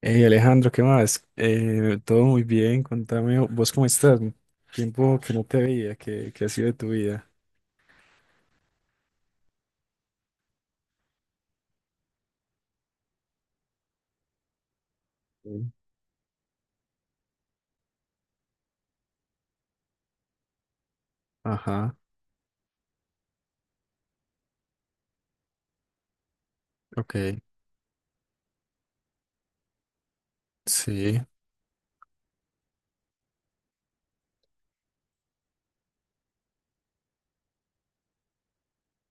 Hey Alejandro, ¿qué más? Todo muy bien, contame, ¿vos cómo estás? Tiempo que no te veía, ¿qué ha sido de tu vida? Sí. Ajá, ok, sí,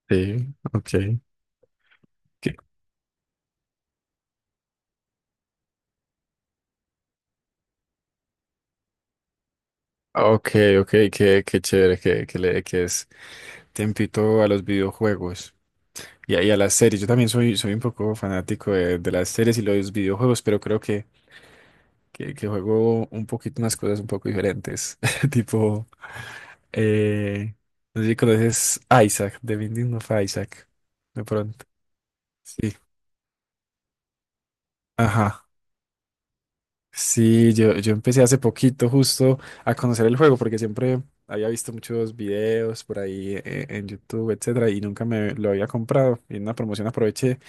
sí, ok. ¿Qué- Ok, ok, qué chévere que le que es tempito a los videojuegos y a las series. Yo también soy un poco fanático de las series y los videojuegos, pero creo que juego un poquito unas cosas un poco diferentes. Tipo, Eh, no sé si conoces Isaac, The Binding of Isaac, de pronto. Sí, ajá. Sí, yo empecé hace poquito justo a conocer el juego porque siempre había visto muchos videos por ahí en YouTube, etcétera, y nunca me lo había comprado. Y en una promoción aproveché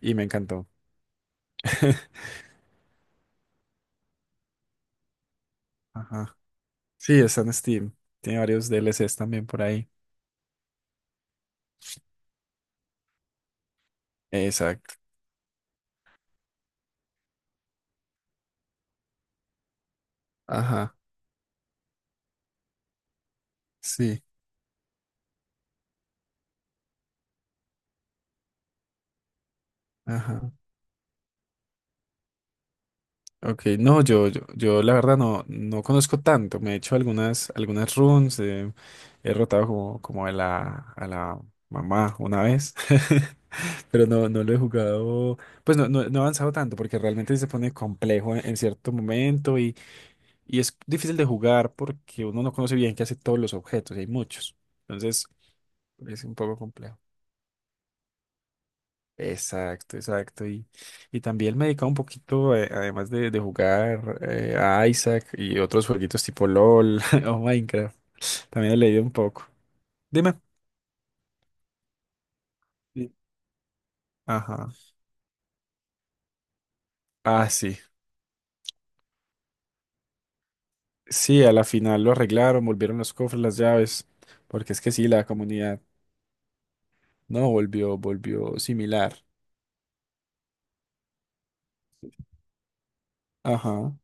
y me encantó. Ajá. Sí, está en Steam. Tiene varios DLCs también por ahí. Exacto. Ajá. Sí. Ajá. Ok, no, yo la verdad no, no conozco tanto. Me he hecho algunas, algunas runs, he rotado como, como a la mamá una vez, pero no, no lo he jugado, pues no he avanzado tanto porque realmente se pone complejo en cierto momento y es difícil de jugar porque uno no conoce bien qué hace todos los objetos y hay muchos. Entonces es un poco complejo. Exacto, exacto. Y también me dedicaba un poquito, además de jugar a Isaac y otros jueguitos tipo LOL o Minecraft, también he leído un poco. Dime. Sí. Ajá. Ah, sí. Sí, a la final lo arreglaron, volvieron los cofres, las llaves, porque es que sí, la comunidad no volvió, volvió similar. Ajá.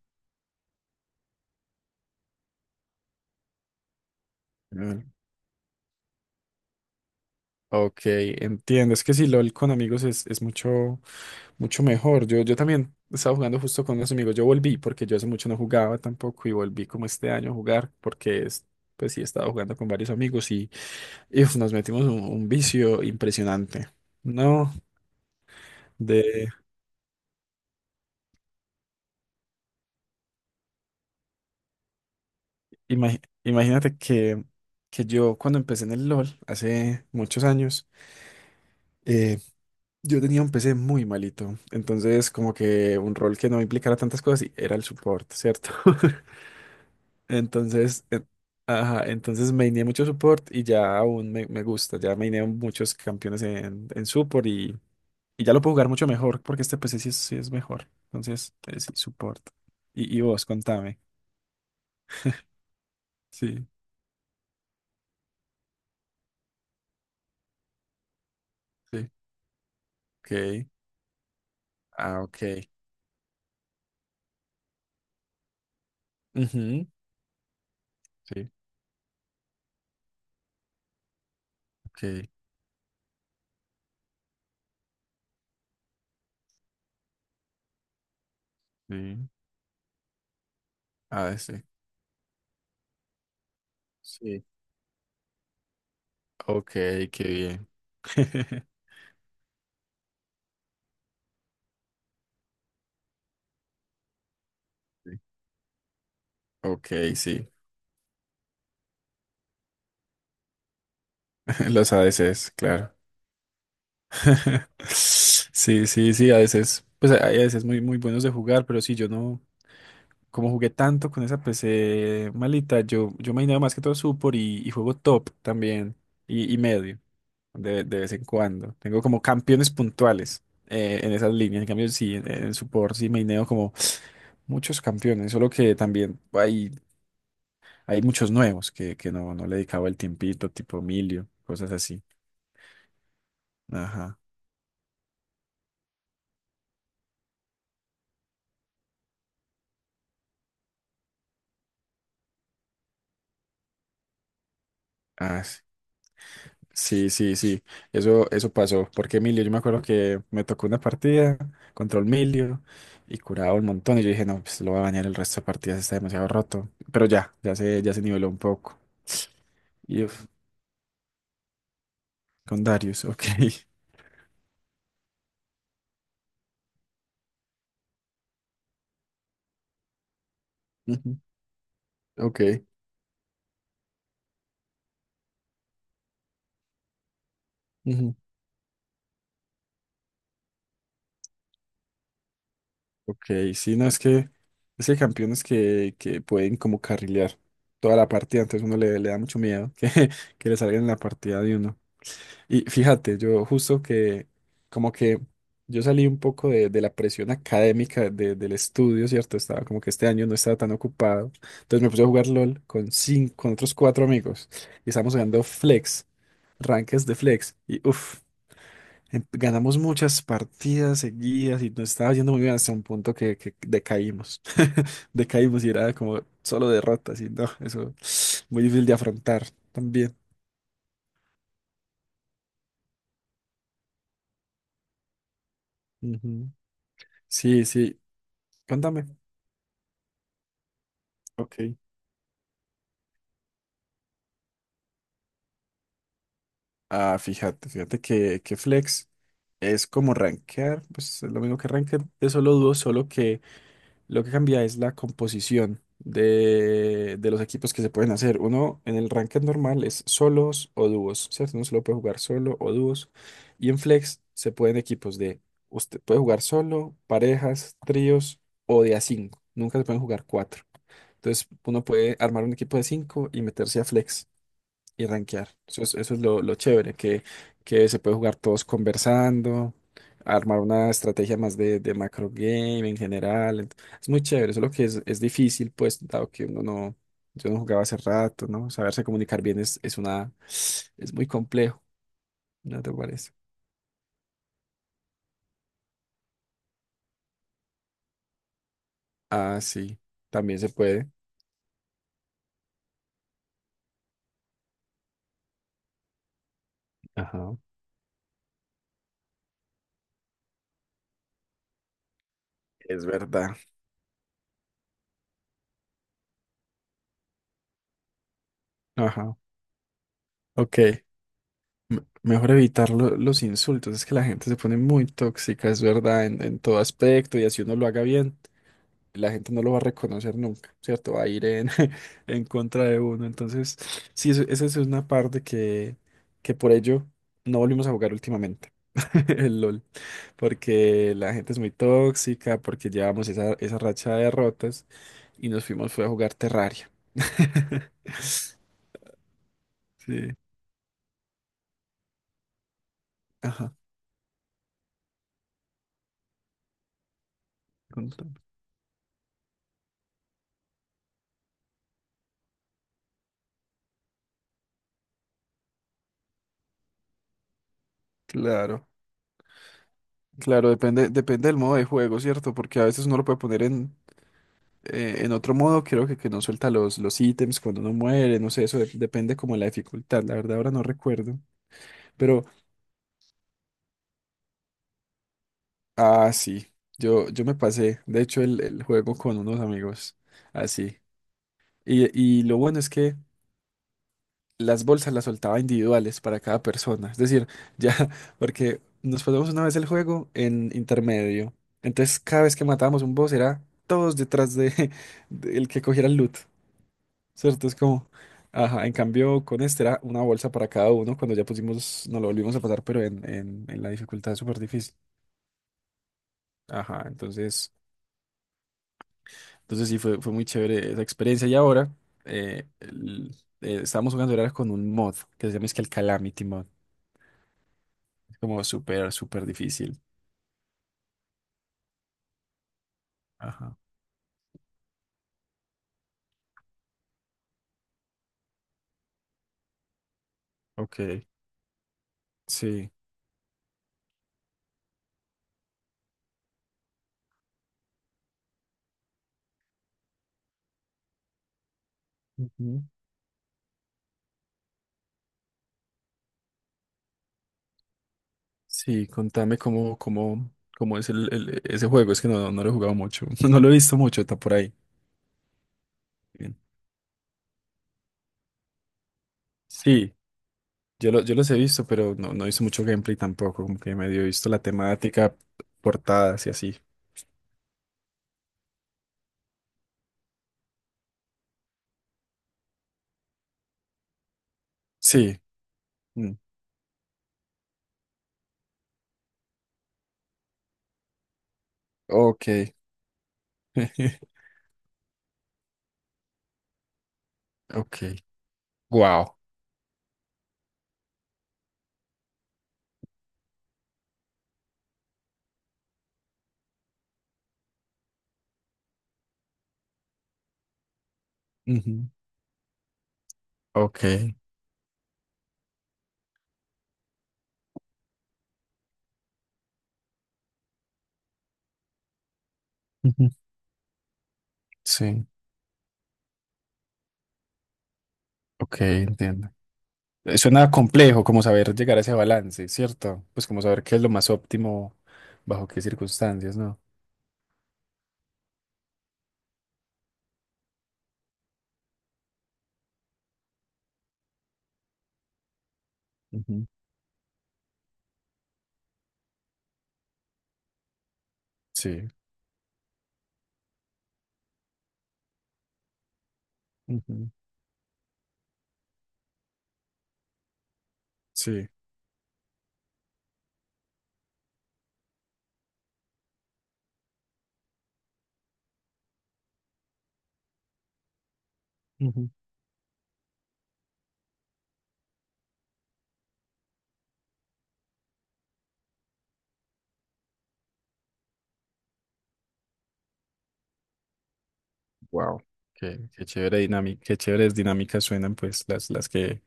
Mm. Ok, entiendo. Es que si LOL con amigos es mucho. Mucho mejor. Yo también estaba jugando justo con unos amigos. Yo volví porque yo hace mucho no jugaba tampoco y volví como este año a jugar porque es- pues sí estaba jugando con varios amigos y, uf, nos metimos un vicio impresionante. No, de imagi- imagínate que yo cuando empecé en el LOL hace muchos años, eh, yo tenía un PC muy malito. Entonces como que un rol que no implicara tantas cosas y era el support, ¿cierto? Entonces, ajá, entonces maineé mucho support y ya aún me, me gusta. Ya maineé muchos campeones en support y ya lo puedo jugar mucho mejor porque este PC sí es mejor. Entonces, sí, support. Y vos, contame. Sí, sí. Ok. Ah, ok. Ujú. Sí, ok. Sí. Ah, sí. Sí. Ok, qué bien. Sí. Ok, sí. Los ADCs, claro. Sí, sí, sí, a veces, pues hay a veces muy buenos de jugar, pero sí, yo no, como jugué tanto con esa PC malita, yo me más que todo support y juego top también, y medio, de vez en cuando. Tengo como campeones puntuales en esas líneas, en cambio sí, en support sí maineo como muchos campeones, solo que también hay muchos nuevos que no, no le dedicaba el tiempito, tipo Emilio, cosas así. Ajá. Ah. Sí. Sí, eso, eso pasó, porque Emilio, yo me acuerdo que me tocó una partida contra Emilio y curaba un montón y yo dije, no, pues lo va a bañar el resto de partidas, está demasiado roto, pero ya, ya se niveló un poco. Y uf, con Darius, ok. Ujú. Ok. Ujú. Ok, sí, no, es que hay campeones que pueden como carrilear toda la partida, entonces uno le, le da mucho miedo que, que le salgan en la partida de uno. Y fíjate, yo justo que como que yo salí un poco de la presión académica de- del estudio, ¿cierto? Estaba como que este año no estaba tan ocupado. Entonces me puse a jugar LOL con cinco, con otros cuatro amigos y estábamos jugando Flex, ranques de Flex. Y uff, ganamos muchas partidas seguidas y nos estaba yendo muy bien hasta un punto que decaímos. Decaímos y era como solo derrotas y no, eso muy difícil de afrontar también. Ujú. Sí, sí, cuéntame. Ok. Ah, fíjate, fíjate que Flex es como rankear, pues es lo mismo que rankear de solo dúos, solo que lo que cambia es la composición de los equipos que se pueden hacer. Uno en el ranked normal es solos o dúos, ¿cierto? Uno solo puede jugar solo o dúos. Y en Flex se pueden equipos de, usted puede jugar solo, parejas, tríos o de a cinco. Nunca se pueden jugar cuatro. Entonces uno puede armar un equipo de cinco y meterse a Flex y rankear. Eso es lo chévere, que se puede jugar todos conversando, armar una estrategia más de macro game en general. Ent- es muy chévere, solo que es difícil, pues, dado que uno no, yo no jugaba hace rato, ¿no? Saberse comunicar bien es una, es muy complejo, ¿no te parece? Ah, sí, también se puede. Ajá. Es verdad. Ajá. Ok. M- mejor evitar lo- los insultos. Es que la gente se pone muy tóxica, es verdad, en todo aspecto. Y así uno lo haga bien, la gente no lo va a reconocer nunca, ¿cierto? Va a ir en, en contra de uno. Entonces, sí, eso- esa es una parte que por ello no volvimos a jugar últimamente, el LOL, porque la gente es muy tóxica, porque llevamos esa, esa racha de derrotas y nos fuimos fue a jugar Terraria. Sí, ajá. Contame. Claro, claro, depende, depende del modo de juego, ¿cierto? Porque a veces uno lo puede poner en otro modo, creo que no suelta los ítems cuando uno muere, no sé, eso de- depende como de la dificultad, la verdad ahora no recuerdo. Pero, ah, sí, yo me pasé, de hecho, el juego con unos amigos, así. Y lo bueno es que las bolsas las soltaba individuales para cada persona, es decir, ya, porque nos pasamos una vez el juego en intermedio, entonces cada vez que matábamos un boss era todos detrás de, de el que cogiera el loot. ¿Cierto? Es como, ajá, en cambio con este era una bolsa para cada uno, cuando ya pusimos, nos lo volvimos a pasar, pero en la dificultad súper difícil. Ajá, entonces, entonces sí, fue, fue muy chévere esa experiencia. Y ahora el- estábamos jugando ahora con un mod que se llama es que el Calamity Mod. Es como súper, súper difícil. Ajá, ok, sí. Ujú. Sí, contame cómo, cómo, cómo es el- ese juego, es que no, no lo he jugado mucho, no lo he visto mucho, está por ahí. Bien. Sí, yo, lo- yo los he visto, pero no, no hice mucho gameplay tampoco, como que medio he visto la temática, portadas y así. Sí. Mm, ok. Ok. Wow. Ujú. Ok. Ujú. Sí. Ok, entiendo. Suena complejo como saber llegar a ese balance, ¿cierto? Pues como saber qué es lo más óptimo, bajo qué circunstancias, ¿no? Ujú. Sí. Ujú. Sí. Wow. Qué chévere dinámica, qué chéveres dinámicas suenan pues las, las que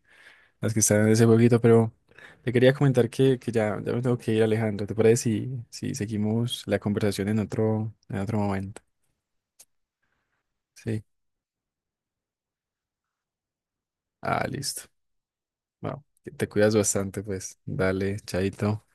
las que están en ese jueguito, pero te quería comentar que ya, ya me tengo que ir, Alejandro. ¿Te parece si, si seguimos la conversación en otro momento? Sí. Ah, listo. Wow. Te cuidas bastante, pues. Dale, chaito.